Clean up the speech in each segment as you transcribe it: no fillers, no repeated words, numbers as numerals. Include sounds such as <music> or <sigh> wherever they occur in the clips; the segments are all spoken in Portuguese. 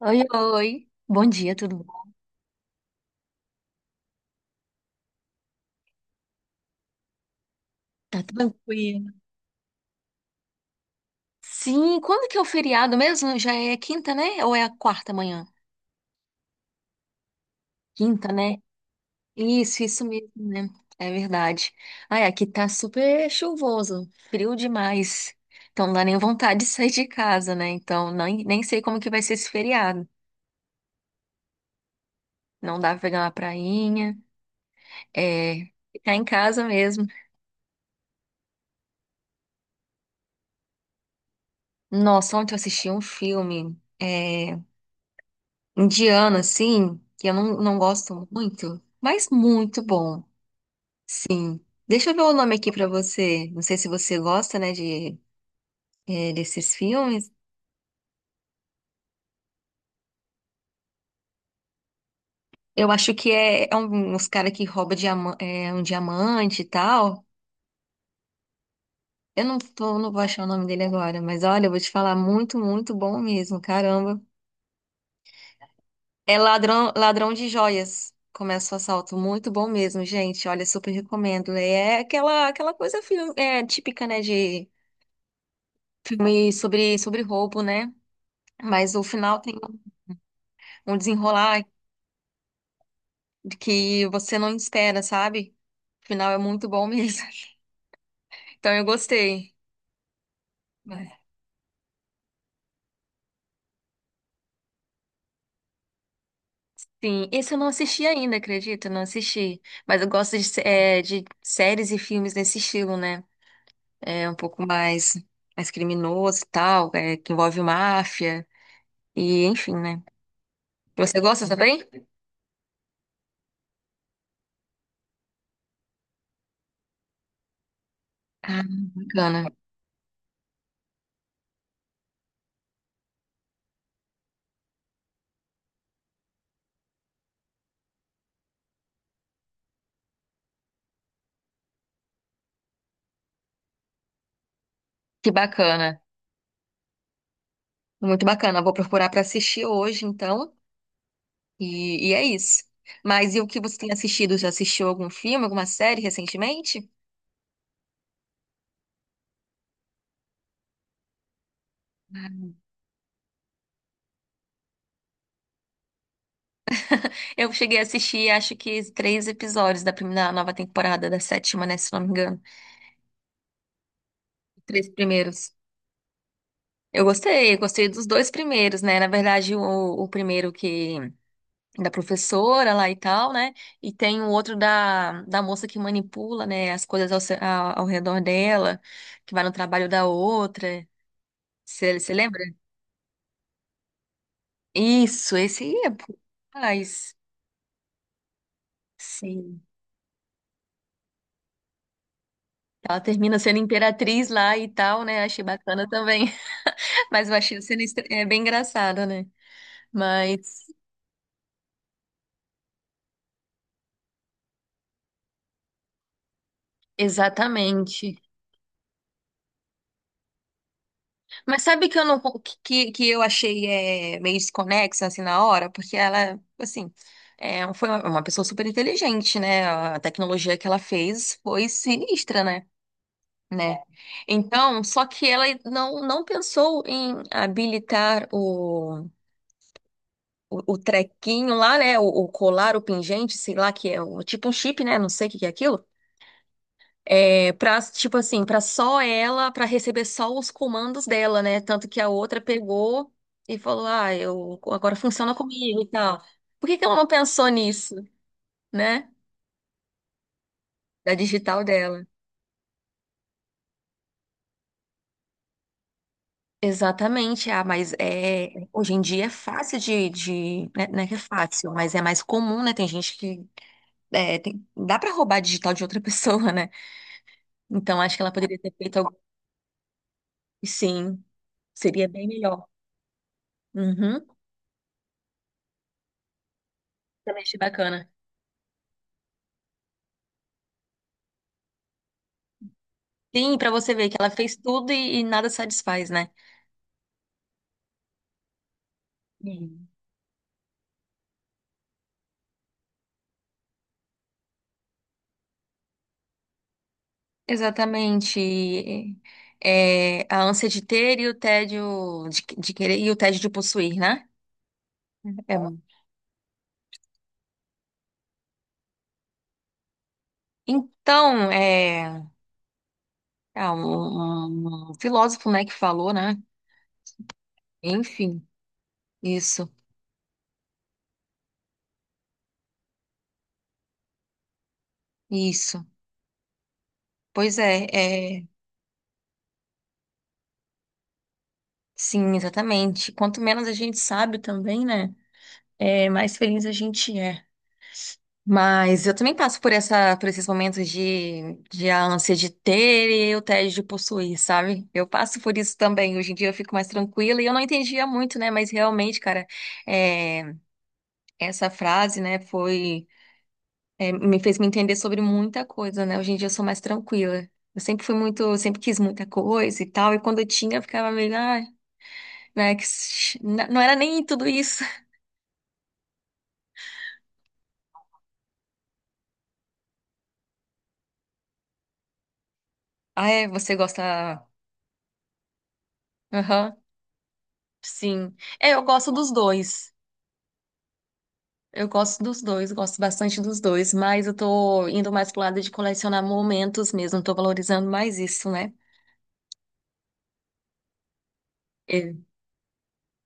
Oi, oi. Bom dia, tudo bom? Tá tranquilo. Sim, quando que é o feriado mesmo? Já é quinta, né? Ou é a quarta manhã? Quinta, né? Isso mesmo, né? É verdade. Ai, aqui tá super chuvoso, frio demais. Então não dá nem vontade de sair de casa, né? Então nem sei como que vai ser esse feriado. Não dá pra pegar uma prainha, é, ficar em casa mesmo. Nossa, ontem eu assisti um filme. é, Indiano, assim, que eu não gosto muito, mas muito bom, sim. Deixa eu ver o nome aqui pra você. Não sei se você gosta, né, de, desses filmes. Eu acho que é um, uns caras que roubam um diamante e tal. Eu não vou achar o nome dele agora, mas olha, eu vou te falar, muito, muito bom mesmo, caramba. É ladrão, ladrão de joias. Começa o assalto, muito bom mesmo, gente. Olha, super recomendo. É aquela coisa filme, típica, né, de filme sobre roubo, né? Mas o final tem um desenrolar que você não espera, sabe? O final é muito bom mesmo. <laughs> Então eu gostei. Sim, esse eu não assisti ainda, acredita? Não assisti. Mas eu gosto de séries e filmes nesse estilo, né? É um pouco mais criminoso e tal, que envolve máfia e enfim, né? Você gosta também? Ah, bacana. Que bacana. Muito bacana. Vou procurar para assistir hoje, então. E é isso. Mas e o que você tem assistido? Já assistiu algum filme, alguma série recentemente? Hum. Eu cheguei a assistir, acho que três episódios da primeira, nova temporada, da sétima, né? Se não me engano. Três primeiros. Eu gostei dos dois primeiros, né? Na verdade, o primeiro que da professora lá e tal, né? E tem o outro da moça que manipula, né? As coisas ao, se- ao, ao redor dela, que vai no trabalho da outra. Você lembra? Isso, esse aí é. Mas sim. Ela termina sendo imperatriz lá e tal, né? Achei bacana também. <laughs> Mas eu achei a cena é bem engraçada, né? Mas, exatamente. Mas sabe que eu não, que eu achei meio desconexa assim na hora? Porque ela, assim, foi uma pessoa super inteligente, né? A tecnologia que ela fez foi sinistra, né? Né? Então, só que ela não pensou em habilitar o trequinho lá, né? O colar, o pingente, sei lá, que é tipo um chip, né? Não sei o que que é aquilo. Pra, tipo assim, pra só ela, pra receber só os comandos dela, né? Tanto que a outra pegou e falou: Ah, agora funciona comigo e tal. Por que que ela não pensou nisso, né? Da digital dela. Exatamente, ah, mas hoje em dia é fácil de, né, não é que é fácil, mas é mais comum, né? Tem gente que dá pra roubar digital de outra <laughs> pessoa, né? Então acho que ela poderia ter feito. Sim, seria bem melhor. Uhum. Também achei bacana. Sim, pra você ver que ela fez tudo e nada satisfaz, né? Sim. Exatamente. É, a ânsia de ter e o tédio de querer e o tédio de possuir, né? É. Então, é um, um filósofo, né, que falou, né? Enfim, isso, isso. Pois é, sim, exatamente. Quanto menos a gente sabe também, né? É, mais feliz a gente é. Mas eu também passo por essa, por esses momentos de a ânsia de ter e o tédio de possuir, sabe? Eu passo por isso também. Hoje em dia eu fico mais tranquila e eu não entendia muito, né? Mas realmente, cara, é, essa frase, né, foi, me fez me entender sobre muita coisa, né? Hoje em dia eu sou mais tranquila. Eu sempre fui muito, eu sempre quis muita coisa e tal, e quando eu tinha, eu ficava meio, ah, né, que, não era nem tudo isso. <laughs> Ah, você gosta. Aham, sim. É, eu gosto dos dois. Eu gosto dos dois, gosto bastante dos dois, mas eu tô indo mais pro lado de colecionar momentos mesmo, tô valorizando mais isso, né? É.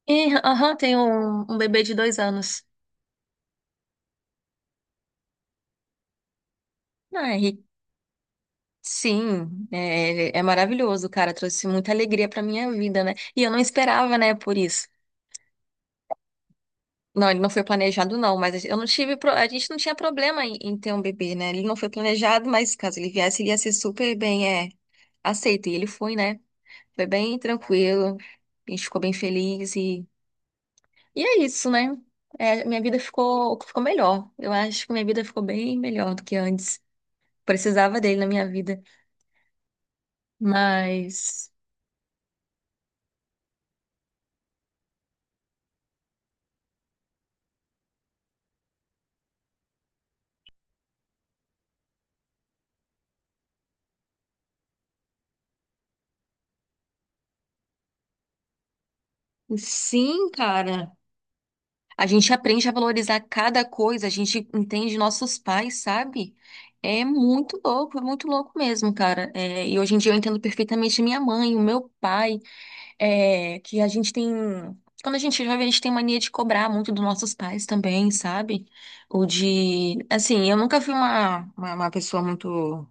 E, aham, tenho um bebê de 2 anos. Ai, sim, é maravilhoso, cara, trouxe muita alegria pra minha vida, né? E eu não esperava, né, por isso. Não, ele não foi planejado, não, mas eu não tive, a gente não tinha problema em ter um bebê, né? Ele não foi planejado, mas caso ele viesse, ele ia ser super bem, aceito, e ele foi, né? Foi bem tranquilo. A gente ficou bem feliz e é isso, né? É, minha vida ficou melhor. Eu acho que minha vida ficou bem melhor do que antes. Precisava dele na minha vida. Mas, sim, cara. A gente aprende a valorizar cada coisa, a gente entende nossos pais, sabe? É muito louco mesmo, cara. É, e hoje em dia eu entendo perfeitamente minha mãe, o meu pai. É, que a gente tem. Quando a gente é jovem, a gente tem mania de cobrar muito dos nossos pais também, sabe? Ou de. Assim, eu nunca fui uma pessoa muito,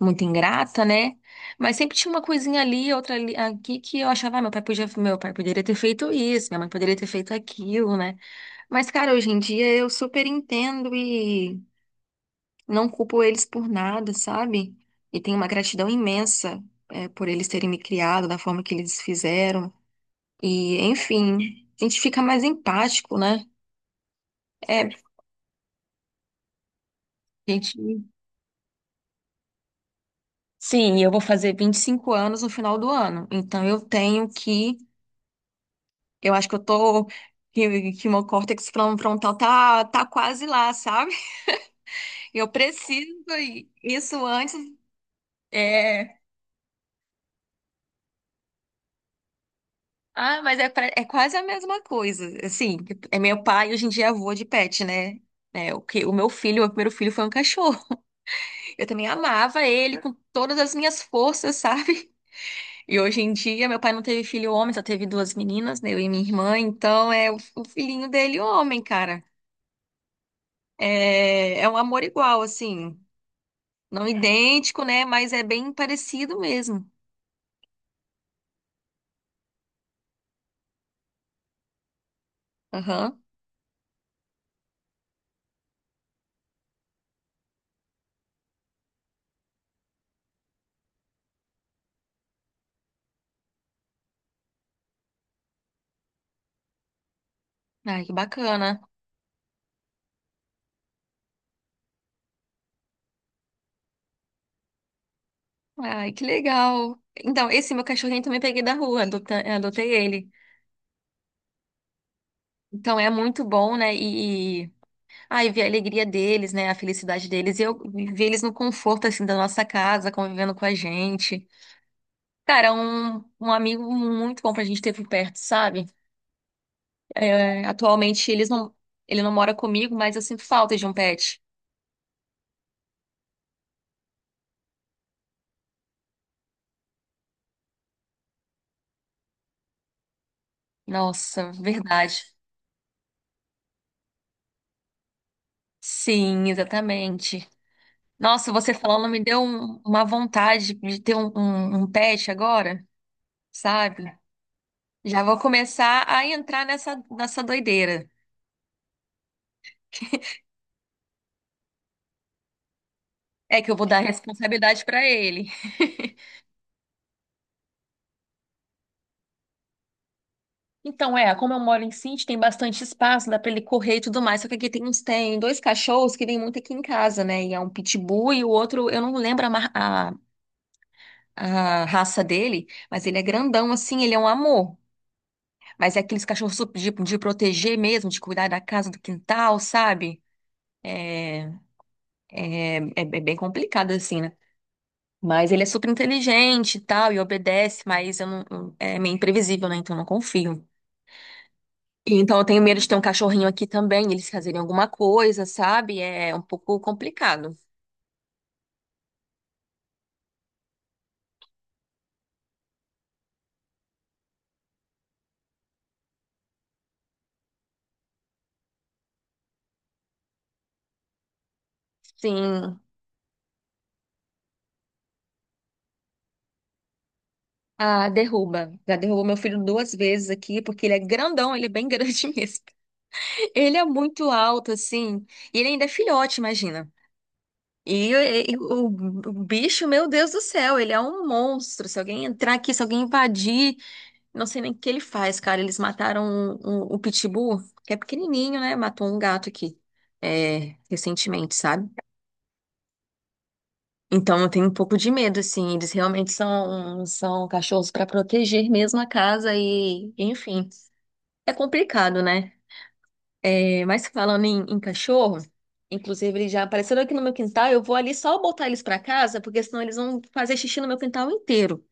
muito ingrata, né? Mas sempre tinha uma coisinha ali, outra ali, aqui, que eu achava, ah, meu pai poderia ter feito isso, minha mãe poderia ter feito aquilo, né? Mas, cara, hoje em dia eu super entendo e não culpo eles por nada, sabe? E tenho uma gratidão imensa, por eles terem me criado da forma que eles fizeram. E, enfim, a gente fica mais empático, né? É, a gente. Sim, eu vou fazer 25 anos no final do ano. Então eu tenho que. Eu acho que eu tô. Que meu córtex frontal tá quase lá, sabe? Eu preciso e isso antes. É. Ah, mas é quase a mesma coisa. Assim, é meu pai, hoje em dia é avô de pet, né? É, o meu primeiro filho foi um cachorro. Eu também amava ele com todas as minhas forças, <laughs> sabe? E hoje em dia, meu pai não teve filho homem, só teve duas meninas, né, eu e minha irmã. Então, é o filhinho dele homem, cara. É um amor igual, assim. Não idêntico, né? Mas é bem parecido mesmo. Aham. Ai, que bacana. Ai, que legal. Então, esse meu cachorrinho também peguei da rua, adotei ele. Então, é muito bom, né? Ai, ver a alegria deles, né? A felicidade deles. E eu ver eles no conforto, assim, da nossa casa, convivendo com a gente. Cara, um amigo muito bom pra gente ter por perto, sabe? É, atualmente eles não, ele não mora comigo, mas eu sinto falta de um pet. Nossa, verdade. Sim, exatamente. Nossa, você falando me deu uma vontade de ter um pet agora, sabe? Já vou começar a entrar nessa doideira. É que eu vou dar responsabilidade pra ele. Então, como eu moro em sítio, tem bastante espaço, dá pra ele correr e tudo mais. Só que aqui tem uns, tem dois cachorros que vêm muito aqui em casa, né? E é um pitbull e o outro, eu não lembro a raça dele, mas ele é grandão assim, ele é um amor. Mas é aqueles cachorros super de proteger mesmo, de cuidar da casa, do quintal, sabe? É, é bem complicado assim, né? Mas ele é super inteligente e tal, e obedece, mas eu não, é meio imprevisível, né? Então eu não confio. E então eu tenho medo de ter um cachorrinho aqui também, eles fazerem alguma coisa, sabe? É um pouco complicado. Sim. Ah, derruba. Já derrubou meu filho duas vezes aqui, porque ele é grandão, ele é bem <laughs> grande mesmo. Ele é muito alto, assim. E ele ainda é filhote, imagina. E, o bicho, meu Deus do céu, ele é um monstro. Se alguém entrar aqui, se alguém invadir, não sei nem o que ele faz, cara. Eles mataram o pitbull, que é pequenininho, né? Matou um gato aqui, recentemente, sabe? Então eu tenho um pouco de medo, assim. Eles realmente são cachorros para proteger mesmo a casa e, enfim, é complicado, né? É, mas falando em cachorro, inclusive eles já apareceram aqui no meu quintal. Eu vou ali só botar eles para casa, porque senão eles vão fazer xixi no meu quintal inteiro.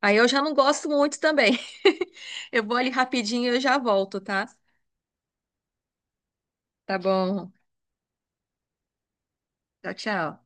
Aí eu já não gosto muito também. <laughs> Eu vou ali rapidinho e eu já volto, tá? Tá bom. Tchau, tchau.